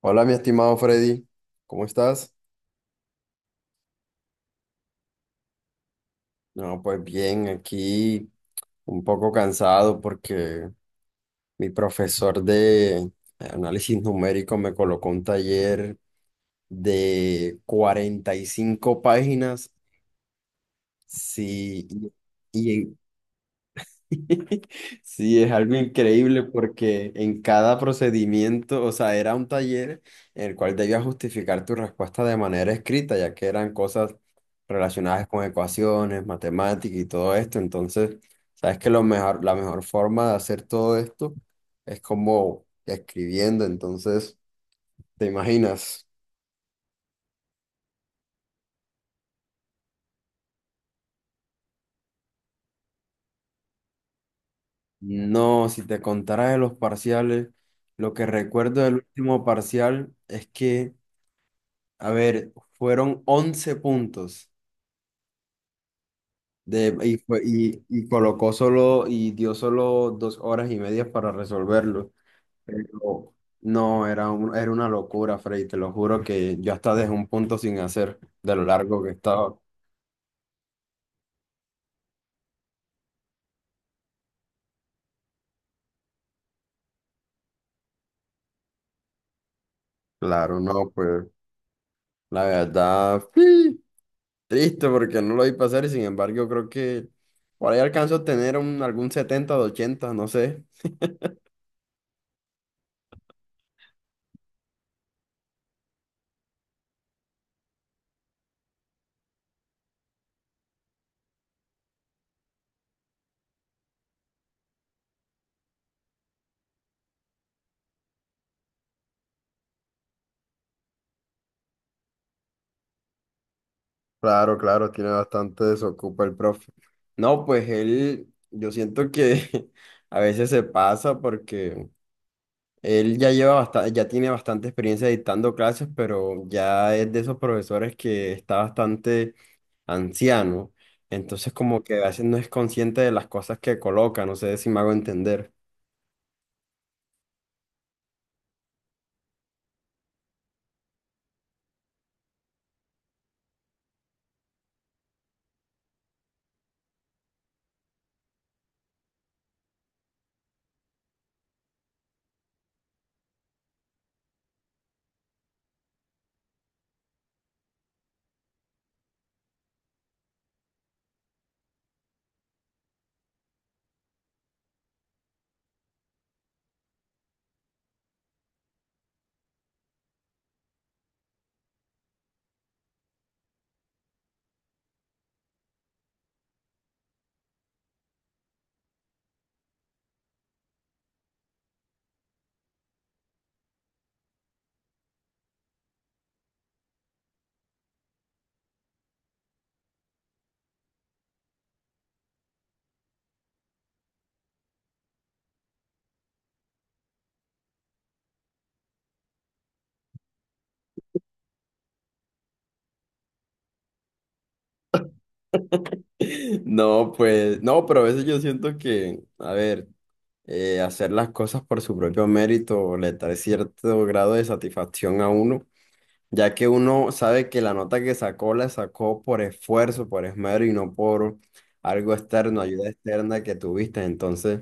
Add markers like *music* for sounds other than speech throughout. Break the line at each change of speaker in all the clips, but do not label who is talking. Hola, mi estimado Freddy, ¿cómo estás? No, pues bien, aquí un poco cansado porque mi profesor de análisis numérico me colocó un taller de 45 páginas, sí, y, *laughs* Sí, es algo increíble porque en cada procedimiento, o sea, era un taller en el cual debías justificar tu respuesta de manera escrita, ya que eran cosas relacionadas con ecuaciones, matemáticas y todo esto. Entonces, sabes que lo mejor, la mejor forma de hacer todo esto es como escribiendo. Entonces, ¿te imaginas? No, si te contara de los parciales, lo que recuerdo del último parcial es que, a ver, fueron 11 puntos de, y, fue- y colocó solo y dio solo 2 horas y media para resolverlo. Pero no, era una locura, Freddy, te lo juro que yo hasta dejé un punto sin hacer de lo largo que estaba. Claro, no, pues la verdad, sí, triste porque no lo vi pasar y sin embargo yo creo que por ahí alcanzo a tener algún 70 de 80, no sé. Claro, claro, tiene bastante desocupa el profe. No, pues él, yo siento que *laughs* a veces se pasa porque él ya lleva bastante, ya tiene bastante experiencia dictando clases, pero ya es de esos profesores que está bastante anciano. Entonces, como que a veces no es consciente de las cosas que coloca, no sé si me hago entender. *laughs* No, pues, no, pero a veces yo siento que, a ver, hacer las cosas por su propio mérito le trae cierto grado de satisfacción a uno, ya que uno sabe que la nota que sacó la sacó por esfuerzo, por esmero y no por algo externo, ayuda externa que tuviste. Entonces,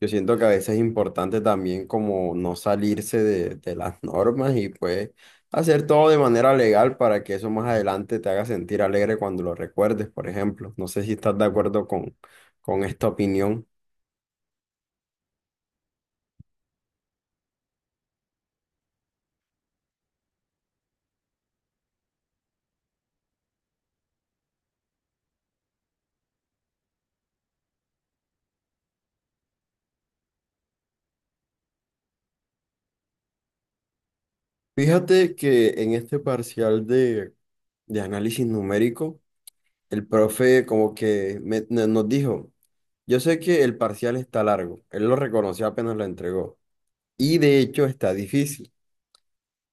yo siento que a veces es importante también como no salirse de las normas y pues hacer todo de manera legal para que eso más adelante te haga sentir alegre cuando lo recuerdes, por ejemplo. No sé si estás de acuerdo con esta opinión. Fíjate que en este parcial de análisis numérico, el profe como que nos dijo, yo sé que el parcial está largo, él lo reconoció apenas lo entregó y de hecho está difícil.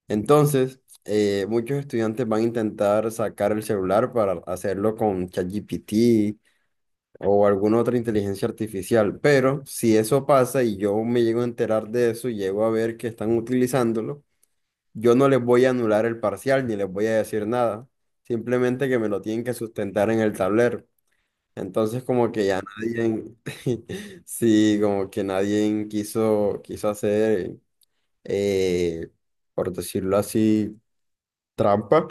Entonces, muchos estudiantes van a intentar sacar el celular para hacerlo con ChatGPT o alguna otra inteligencia artificial, pero si eso pasa y yo me llego a enterar de eso y llego a ver que están utilizándolo, yo no les voy a anular el parcial ni les voy a decir nada, simplemente que me lo tienen que sustentar en el tablero. Entonces como que ya nadie, *laughs* sí, como que nadie quiso hacer, eh, por decirlo así, trampa.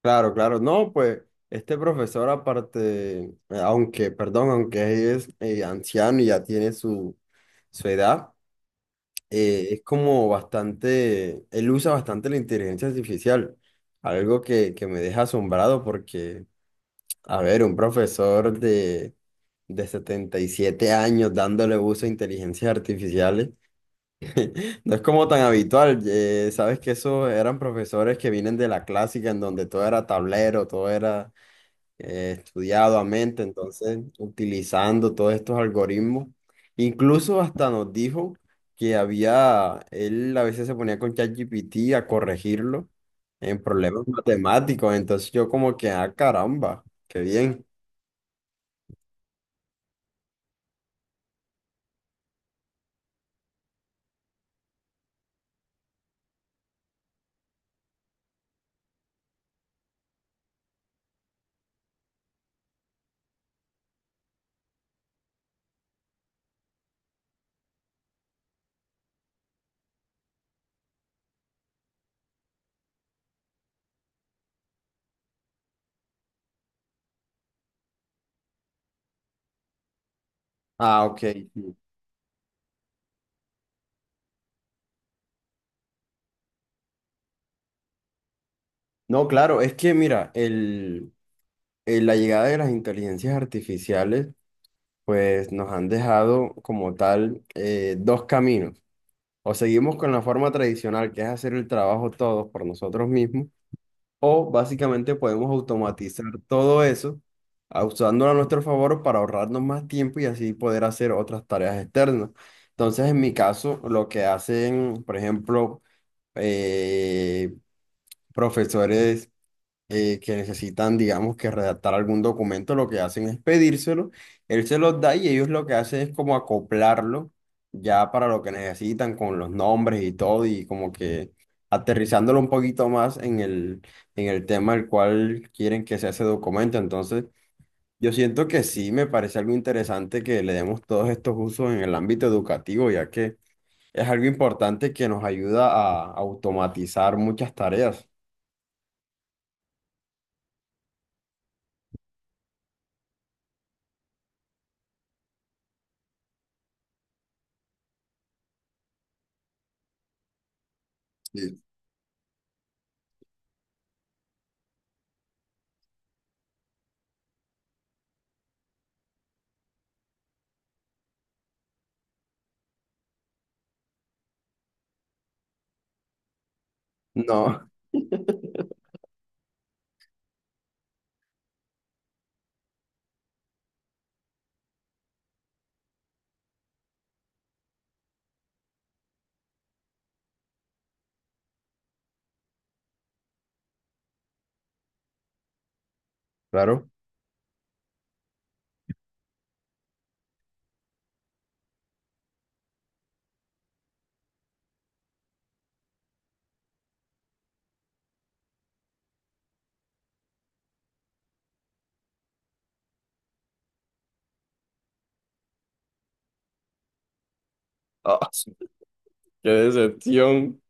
Claro, claro, no, pues este profesor aparte, aunque, perdón, aunque es anciano y ya tiene su edad, es como bastante, él usa bastante la inteligencia artificial, algo que me deja asombrado porque... A ver, un profesor de 77 años dándole uso a inteligencias artificiales, *laughs* no es como tan habitual. Sabes que esos eran profesores que vienen de la clásica, en donde todo era tablero, todo era estudiado a mente, entonces utilizando todos estos algoritmos. Incluso hasta nos dijo que había, él a veces se ponía con ChatGPT a corregirlo en problemas matemáticos, entonces yo como que, ah, caramba, qué bien. Ah, ok. Sí. No, claro, es que mira, la llegada de las inteligencias artificiales, pues nos han dejado como tal dos caminos. O seguimos con la forma tradicional, que es hacer el trabajo todos por nosotros mismos, o básicamente podemos automatizar todo eso, usándolo a nuestro favor para ahorrarnos más tiempo y así poder hacer otras tareas externas. Entonces, en mi caso, lo que hacen, por ejemplo, eh, profesores, que necesitan, digamos, que redactar algún documento, lo que hacen es pedírselo, él se los da y ellos lo que hacen es como acoplarlo ya para lo que necesitan con los nombres y todo y como que aterrizándolo un poquito más en el tema al cual quieren que sea ese documento. Entonces, yo siento que sí, me parece algo interesante que le demos todos estos usos en el ámbito educativo, ya que es algo importante que nos ayuda a automatizar muchas tareas. Sí. No, *laughs* claro. Ah, sí, *laughs* qué decepción.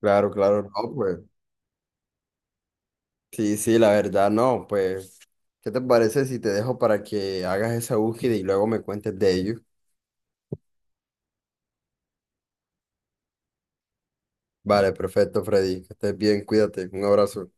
Claro, claro, no, pues. Sí, sí, la verdad, no, pues. ¿Qué te parece si te dejo para que hagas esa búsqueda y luego me cuentes de ello? Vale, perfecto, Freddy. Que estés bien, cuídate. Un abrazo.